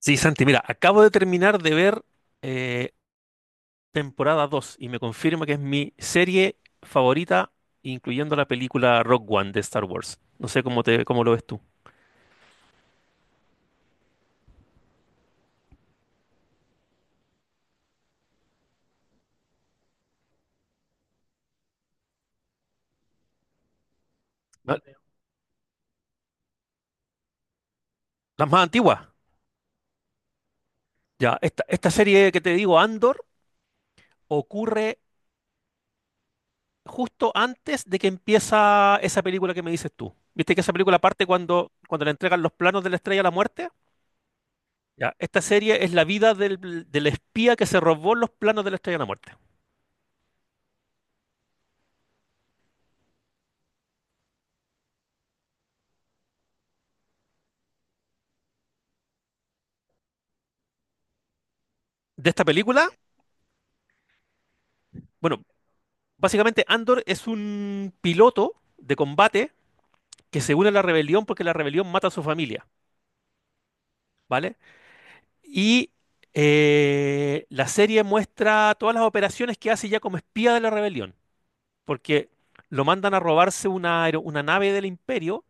Sí, Santi, mira, acabo de terminar de ver eh, temporada 2 y me confirma que es mi serie favorita, incluyendo la película Rock One de Star Wars. No sé cómo lo ves tú. La- Las más antiguas. Ya, esta serie que te digo, Andor, ocurre justo antes de que empieza esa película que me dices tú. ¿Viste que esa película parte cuando le entregan los planos de la Estrella de la Muerte? Ya, esta serie es la vida del espía que se robó los planos de la Estrella de la Muerte. De esta película, bueno, básicamente, Andor es un piloto de combate que se une a la rebelión porque la rebelión mata a su familia, ¿vale? Y la serie muestra todas las operaciones que hace ya como espía de la rebelión, porque lo mandan a robarse una nave del imperio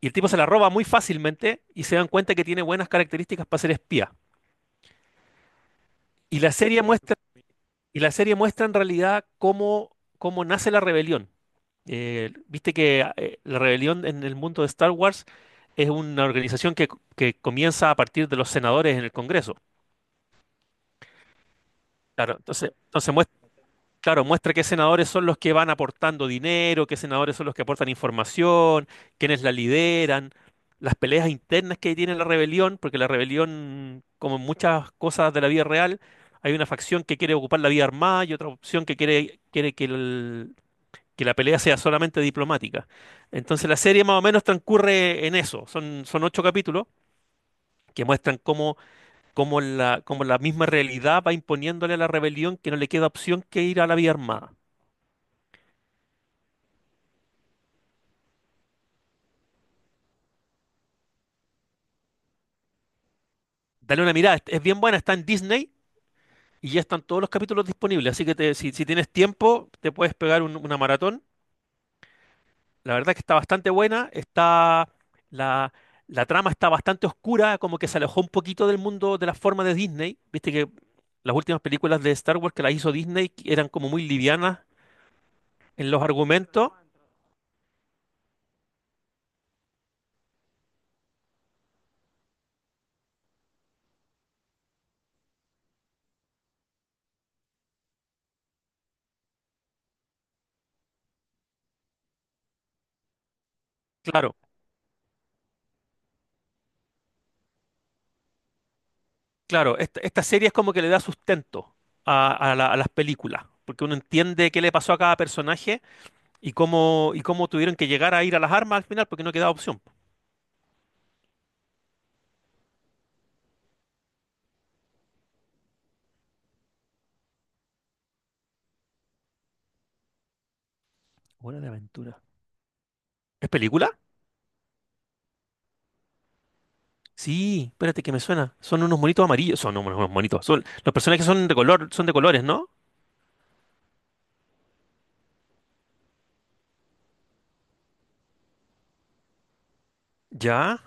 y el tipo se la roba muy fácilmente y se dan cuenta que tiene buenas características para ser espía. Y la serie muestra Y la serie muestra en realidad cómo nace la rebelión. Viste que la rebelión en el mundo de Star Wars es una organización que comienza a partir de los senadores en el Congreso. Claro, entonces, muestra qué senadores son los que van aportando dinero, qué senadores son los que aportan información, quiénes la lideran, las peleas internas que tiene la rebelión, porque la rebelión, como en muchas cosas de la vida real, hay una facción que quiere ocupar la vía armada y otra opción que quiere que la pelea sea solamente diplomática. Entonces la serie más o menos transcurre en eso. Son ocho capítulos que muestran cómo, cómo la misma realidad va imponiéndole a la rebelión que no le queda opción que ir a la vía armada. Dale una mirada, es bien buena, está en Disney y ya están todos los capítulos disponibles. Así que si tienes tiempo, te puedes pegar una maratón. La verdad que está bastante buena, la, la trama está bastante oscura, como que se alejó un poquito del mundo de la forma de Disney. Viste que las últimas películas de Star Wars que las hizo Disney eran como muy livianas en los argumentos. Claro, claro, esta serie es como que le da sustento a las películas, porque uno entiende qué le pasó a cada personaje y cómo tuvieron que llegar a ir a las armas al final, porque no quedaba opción. Hora de aventura. ¿Es película? Sí, espérate que me suena. Son unos monitos amarillos. Son unos monitos. Son, los personajes son de color, son de colores, ¿no? Ya,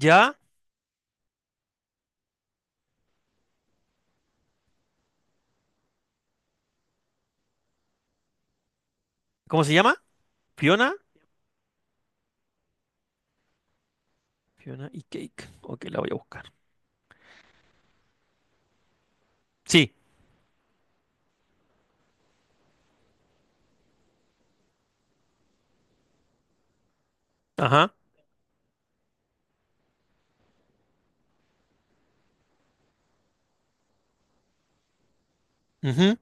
ya. ¿Cómo se llama? Fiona. Fiona y Cake. Ok, la voy a buscar. Sí, ajá. Ujú.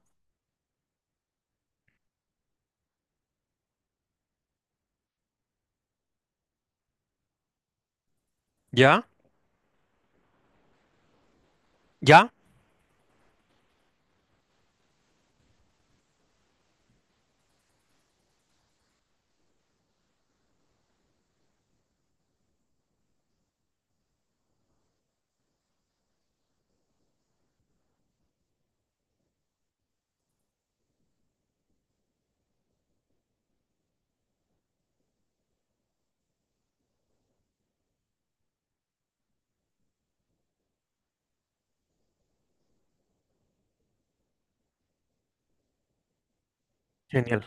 Ya, ya. Genial.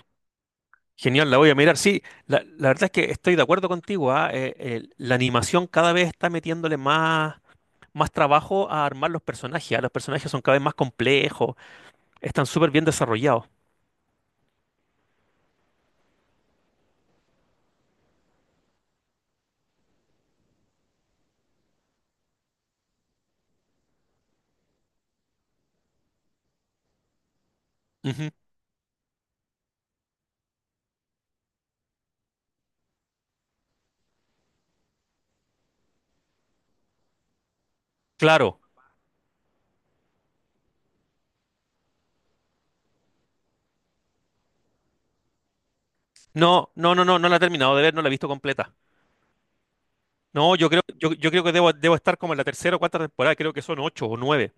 Genial, la voy a mirar. Sí, la verdad es que estoy de acuerdo contigo. La animación cada vez está metiéndole más trabajo a armar los personajes. Los personajes son cada vez más complejos. Están súper bien desarrollados. Ujú. Claro. No, no, no, no, no la he terminado de ver, no la he visto completa. No, yo creo que debo estar como en la tercera o cuarta temporada, creo que son ocho o nueve.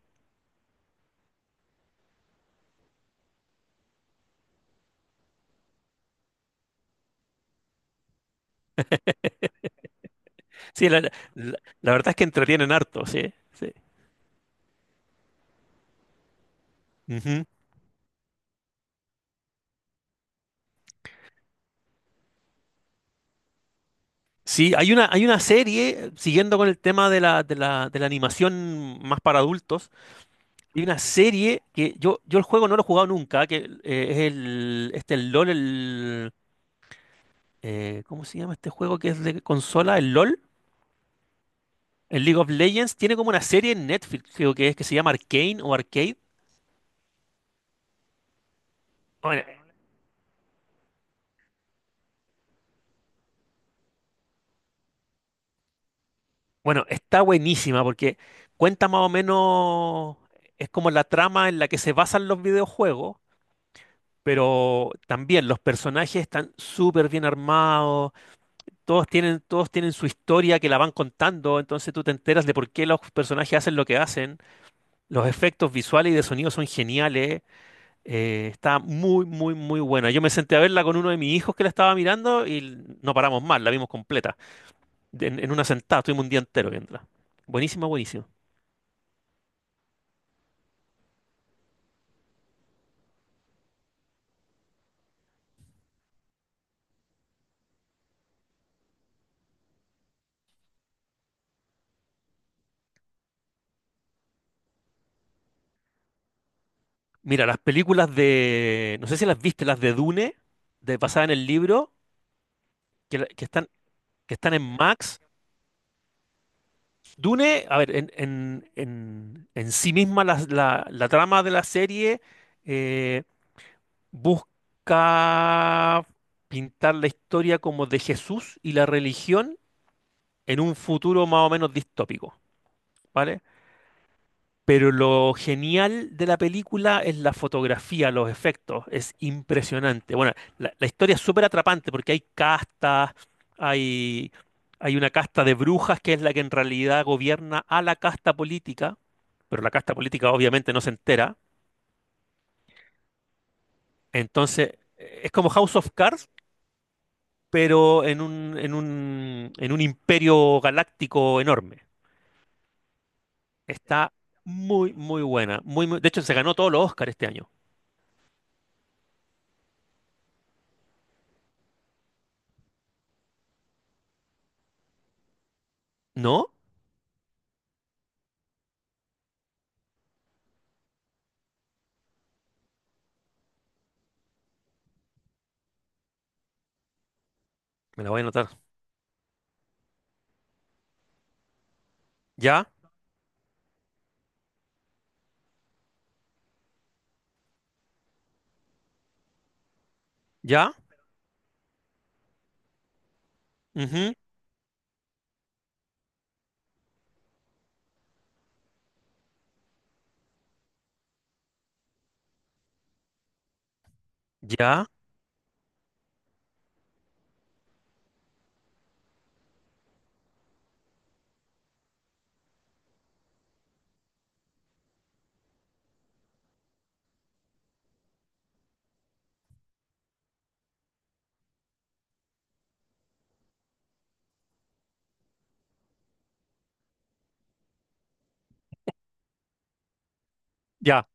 Sí, la verdad es que entretienen harto, sí, sí. Ujú. Sí, hay una serie, siguiendo con el tema de la, de la animación más para adultos, hay una serie que yo el juego no lo he jugado nunca, que es el LOL, ¿cómo se llama este juego que es de consola? ¿El LOL? El League of Legends tiene como una serie en Netflix, creo que es que se llama Arcane o Arcade. Bueno, bueno, está buenísima porque cuenta más o menos, es como la trama en la que se basan los videojuegos, pero también los personajes están súper bien armados, todos tienen su historia que la van contando, entonces tú te enteras de por qué los personajes hacen lo que hacen, los efectos visuales y de sonido son geniales, está muy, muy, muy buena. Yo me senté a verla con uno de mis hijos que la estaba mirando y no paramos más, la vimos completa, en una sentada, estuvimos un día entero viéndola. Buenísima, buenísima. Mira, las películas de, no sé si las viste, las de Dune, de basada en el libro, que, que están en Max. Dune, a ver, en sí misma la trama de la serie eh, busca pintar la historia como de Jesús y la religión en un futuro más o menos distópico, ¿vale? Pero lo genial de la película es la fotografía, los efectos, es impresionante. Bueno, la historia es súper atrapante porque hay castas, hay, hay una casta de brujas que es la que en realidad gobierna a la casta política, pero la casta política obviamente no se entera. Entonces, es como House of Cards, pero en un imperio galáctico enorme. Está muy, muy buena. De hecho, se ganó todos los Oscars este año. ¿No? Me la voy a anotar. ¿Ya? Ya, ujú, ya, ya.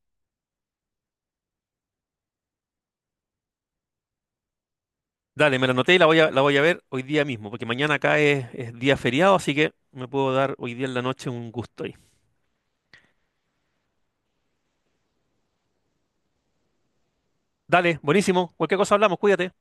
Dale, me la anoté y la voy a ver hoy día mismo, porque mañana acá es día feriado, así que me puedo dar hoy día en la noche un gusto ahí. Dale, buenísimo. Cualquier cosa hablamos, cuídate.